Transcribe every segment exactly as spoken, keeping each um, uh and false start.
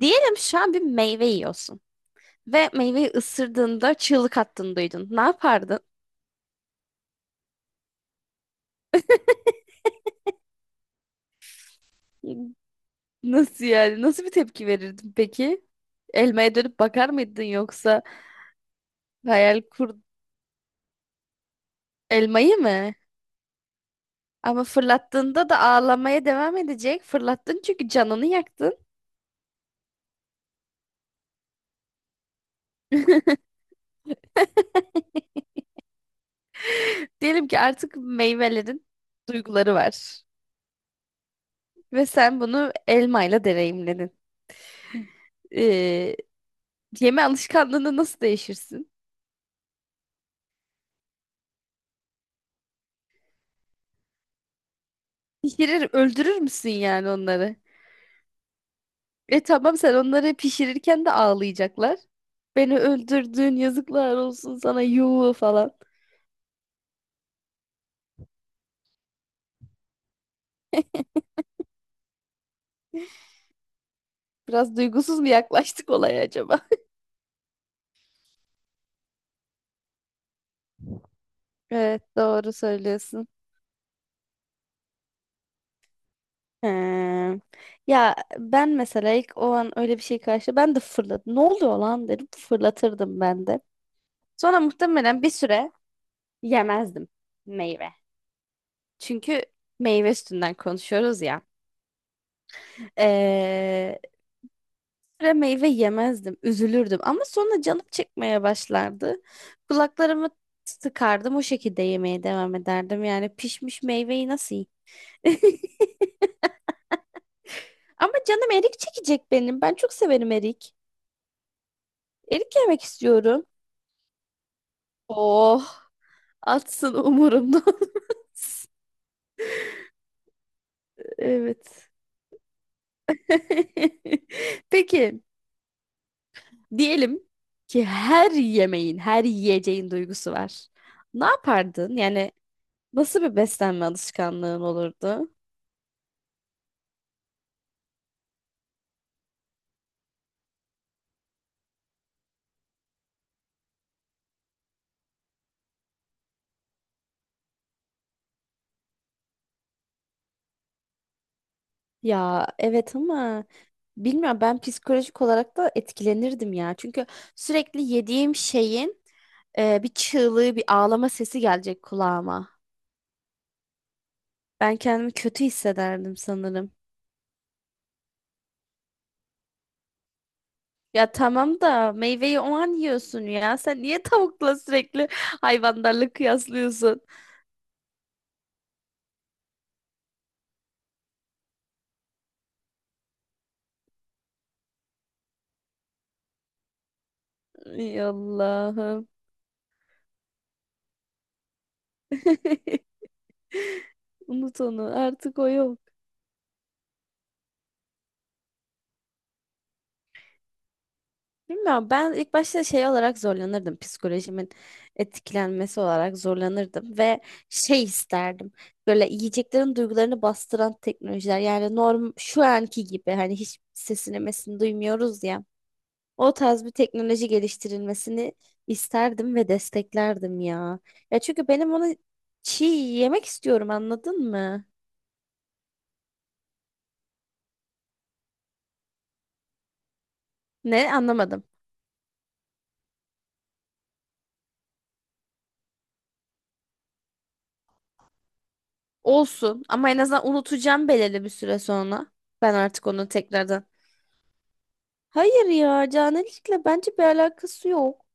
Diyelim şu an bir meyve yiyorsun ve meyveyi ısırdığında çığlık attığını duydun. Ne yapardın? Nasıl yani? Nasıl bir tepki verirdin peki? Elmaya dönüp bakar mıydın yoksa hayal kur elmayı mı? Ama fırlattığında da ağlamaya devam edecek. Fırlattın çünkü canını yaktın. Diyelim ki artık meyvelerin duyguları var ve sen bunu elmayla deneyimledin. Ee, Yeme alışkanlığını nasıl değişirsin? Pişirir, öldürür müsün yani onları? E tamam sen onları pişirirken de ağlayacaklar. Beni öldürdün, yazıklar olsun sana, yuh falan. Biraz duygusuz mu yaklaştık olaya acaba? Evet, doğru söylüyorsun. He. Ya ben mesela ilk o an öyle bir şey karşı ben de fırladım. Ne oluyor lan derim, fırlatırdım ben de. Sonra muhtemelen bir süre yemezdim meyve. Çünkü meyve üstünden konuşuyoruz ya. Ee, Ve meyve yemezdim, üzülürdüm. Ama sonra canım çekmeye başlardı. Kulaklarımı sıkardım, o şekilde yemeye devam ederdim. Yani pişmiş meyveyi nasıl yiyeyim? Ama canım erik çekecek benim. Ben çok severim erik. Erik yemek istiyorum. Oh, atsın umurumda. Evet. Peki, diyelim ki her yemeğin, her yiyeceğin duygusu var. Ne yapardın? Yani nasıl bir beslenme alışkanlığın olurdu? Ya evet, ama bilmiyorum, ben psikolojik olarak da etkilenirdim ya. Çünkü sürekli yediğim şeyin e, bir çığlığı, bir ağlama sesi gelecek kulağıma. Ben kendimi kötü hissederdim sanırım. Ya tamam da meyveyi o an yiyorsun ya. Sen niye tavukla sürekli hayvanlarla kıyaslıyorsun? Ay Allah'ım. Unut onu. Artık o yok. Bilmiyorum. Ben ilk başta şey olarak zorlanırdım. Psikolojimin etkilenmesi olarak zorlanırdım ve şey isterdim. Böyle yiyeceklerin duygularını bastıran teknolojiler. Yani norm şu anki gibi hani hiç sesini mesini duymuyoruz ya. O tarz bir teknoloji geliştirilmesini isterdim ve desteklerdim ya. Ya çünkü benim onu çiğ yemek istiyorum, anladın mı? Ne, anlamadım. Olsun, ama en azından unutacağım belirli bir süre sonra. Ben artık onu tekrardan. Hayır ya, canilikle bence bir alakası yok.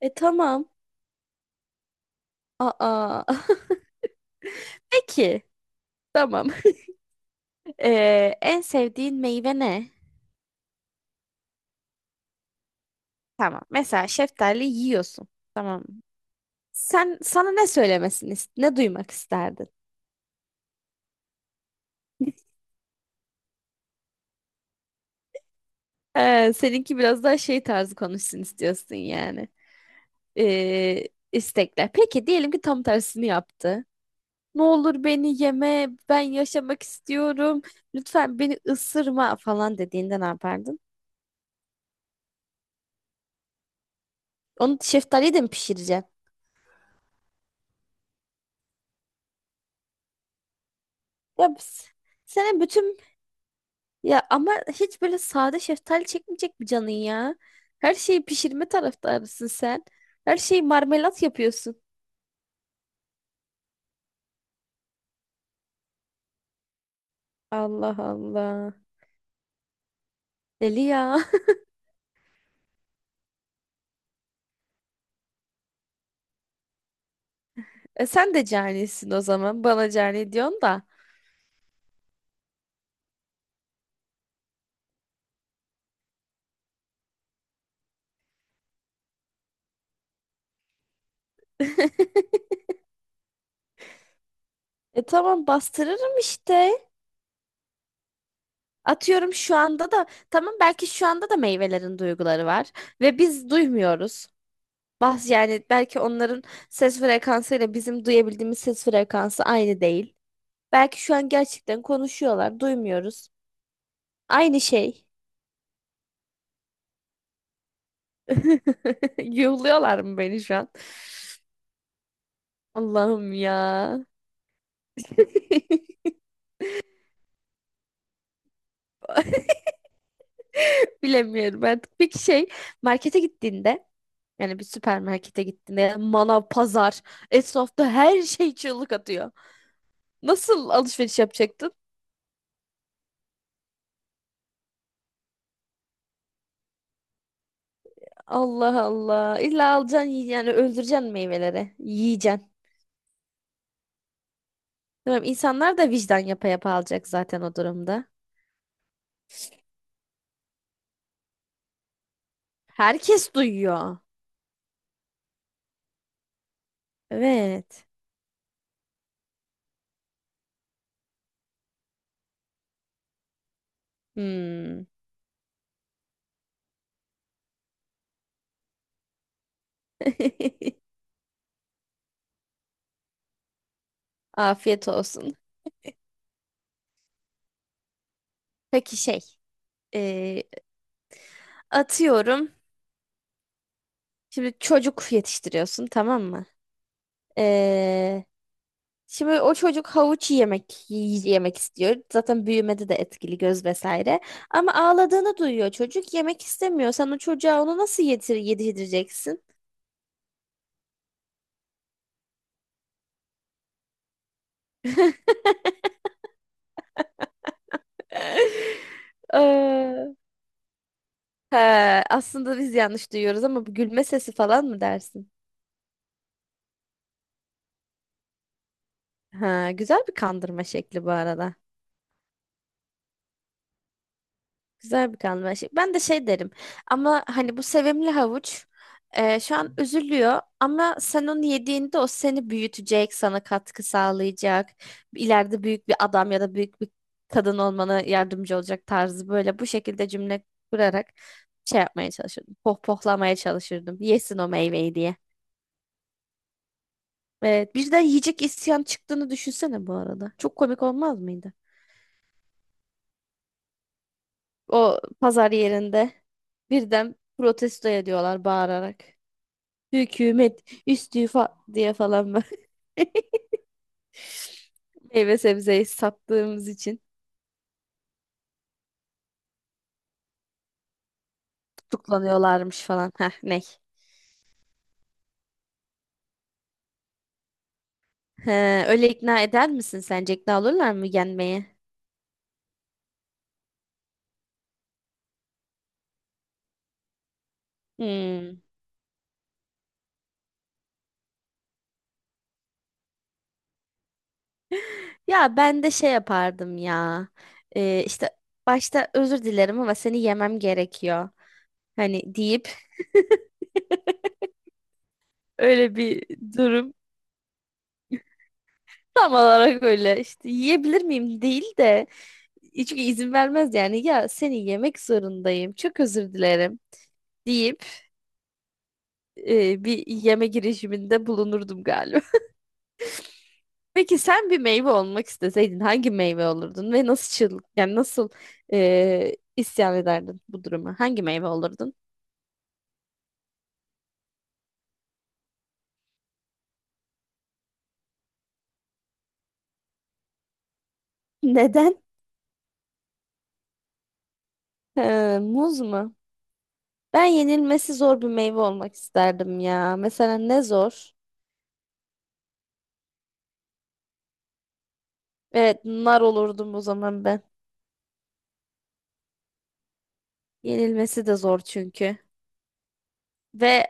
E tamam. Aa. Peki. Tamam. Ee, en sevdiğin meyve ne? Tamam. Mesela şeftali yiyorsun. Tamam. Sen sana ne söylemesini, ist- ne duymak isterdin? Ee, seninki biraz daha şey tarzı konuşsun istiyorsun yani. Ee, istekler. Peki diyelim ki tam tersini yaptı. Ne olur beni yeme, ben yaşamak istiyorum. Lütfen beni ısırma falan dediğinde ne yapardın? Onu şeftaliyle de mi pişireceksin? Ya biz- sana bütün, ya ama hiç böyle sade şeftali çekmeyecek mi canın ya? Her şeyi pişirme taraftarısın sen. Her şeyi marmelat yapıyorsun. Allah Allah. Deli ya. E sen de canisin o zaman. Bana cani diyorsun da. E tamam, bastırırım işte. Atıyorum şu anda da, tamam, belki şu anda da meyvelerin duyguları var ve biz duymuyoruz. Bas, yani belki onların ses frekansıyla bizim duyabildiğimiz ses frekansı aynı değil. Belki şu an gerçekten konuşuyorlar, duymuyoruz. Aynı şey. Yuhluyorlar mı beni şu an? Allah'ım ya. Bilemiyorum artık. Peki şey, markete gittiğinde, yani bir süpermarkete gittiğinde manav, pazar, esnafta her şey çığlık atıyor. Nasıl alışveriş yapacaktın? Allah Allah. İlla alacaksın, yi- yani öldüreceksin meyveleri. Yiyeceksin. Tamam, insanlar da vicdan yapa yapa alacak zaten o durumda. Herkes duyuyor. Evet. Hmm. Afiyet olsun. Peki şey. e, atıyorum. Şimdi çocuk yetiştiriyorsun, tamam mı? E, şimdi o çocuk havuç yemek yiy- yemek istiyor. Zaten büyümede de etkili, göz vesaire. Ama ağladığını duyuyor çocuk. Yemek istemiyor. Sen o çocuğa onu nasıl yedir yedireceksin? Ee, he, aslında biz yanlış duyuyoruz ama bu gülme sesi falan mı dersin? Ha, güzel bir kandırma şekli bu arada. Güzel bir kanlı şey. Ben de şey derim, ama hani bu sevimli havuç e, şu an üzülüyor ama sen onu yediğinde o seni büyütecek, sana katkı sağlayacak. İleride büyük bir adam ya da büyük bir kadın olmana yardımcı olacak tarzı, böyle bu şekilde cümle kurarak şey yapmaya çalışırdım. Pohpohlamaya çalışırdım. Yesin o meyveyi diye. Evet, birden yiyecek isyan çıktığını düşünsene bu arada. Çok komik olmaz mıydı? O pazar yerinde birden protesto ediyorlar bağırarak. Hükümet istifa diye falan, böyle meyve sebzeyi sattığımız için tutuklanıyorlarmış falan. Heh, ne? He, öyle ikna eder misin sence? İkna olurlar mı yenmeye? Hmm. Ya ben de şey yapardım ya. Ee, işte başta özür dilerim ama seni yemem gerekiyor. Hani deyip öyle bir durum tam olarak, öyle işte yiyebilir miyim değil de, çünkü izin vermez yani, ya seni yemek zorundayım çok özür dilerim deyip e, bir yeme girişiminde bulunurdum galiba. Peki sen bir meyve olmak isteseydin hangi meyve olurdun ve nasıl çığlık, yani nasıl e, isyan ederdin bu duruma? Hangi meyve olurdun? Neden? Ee, muz mu? Ben yenilmesi zor bir meyve olmak isterdim ya. Mesela ne zor? Evet, nar olurdum o zaman ben. Yenilmesi de zor çünkü. Ve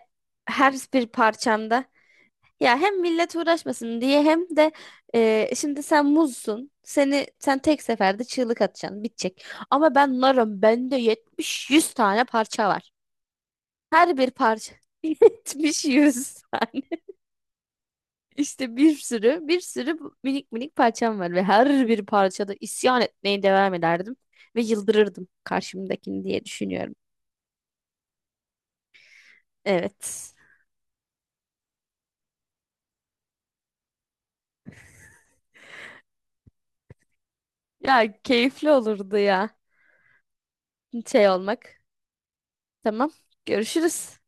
her bir parçamda, ya hem millet uğraşmasın diye hem de e, şimdi sen muzsun. Seni sen tek seferde çığlık atacaksın, bitecek. Ama ben narım, bende yetmiş yüz tane parça var. Her bir parça yetmiş yüz tane. İşte bir sürü, bir sürü bu minik minik parçam var ve her bir parçada isyan etmeye devam ederdim ve yıldırırdım karşımdakini diye düşünüyorum. Evet. Ya keyifli olurdu ya şey olmak. Tamam. Görüşürüz.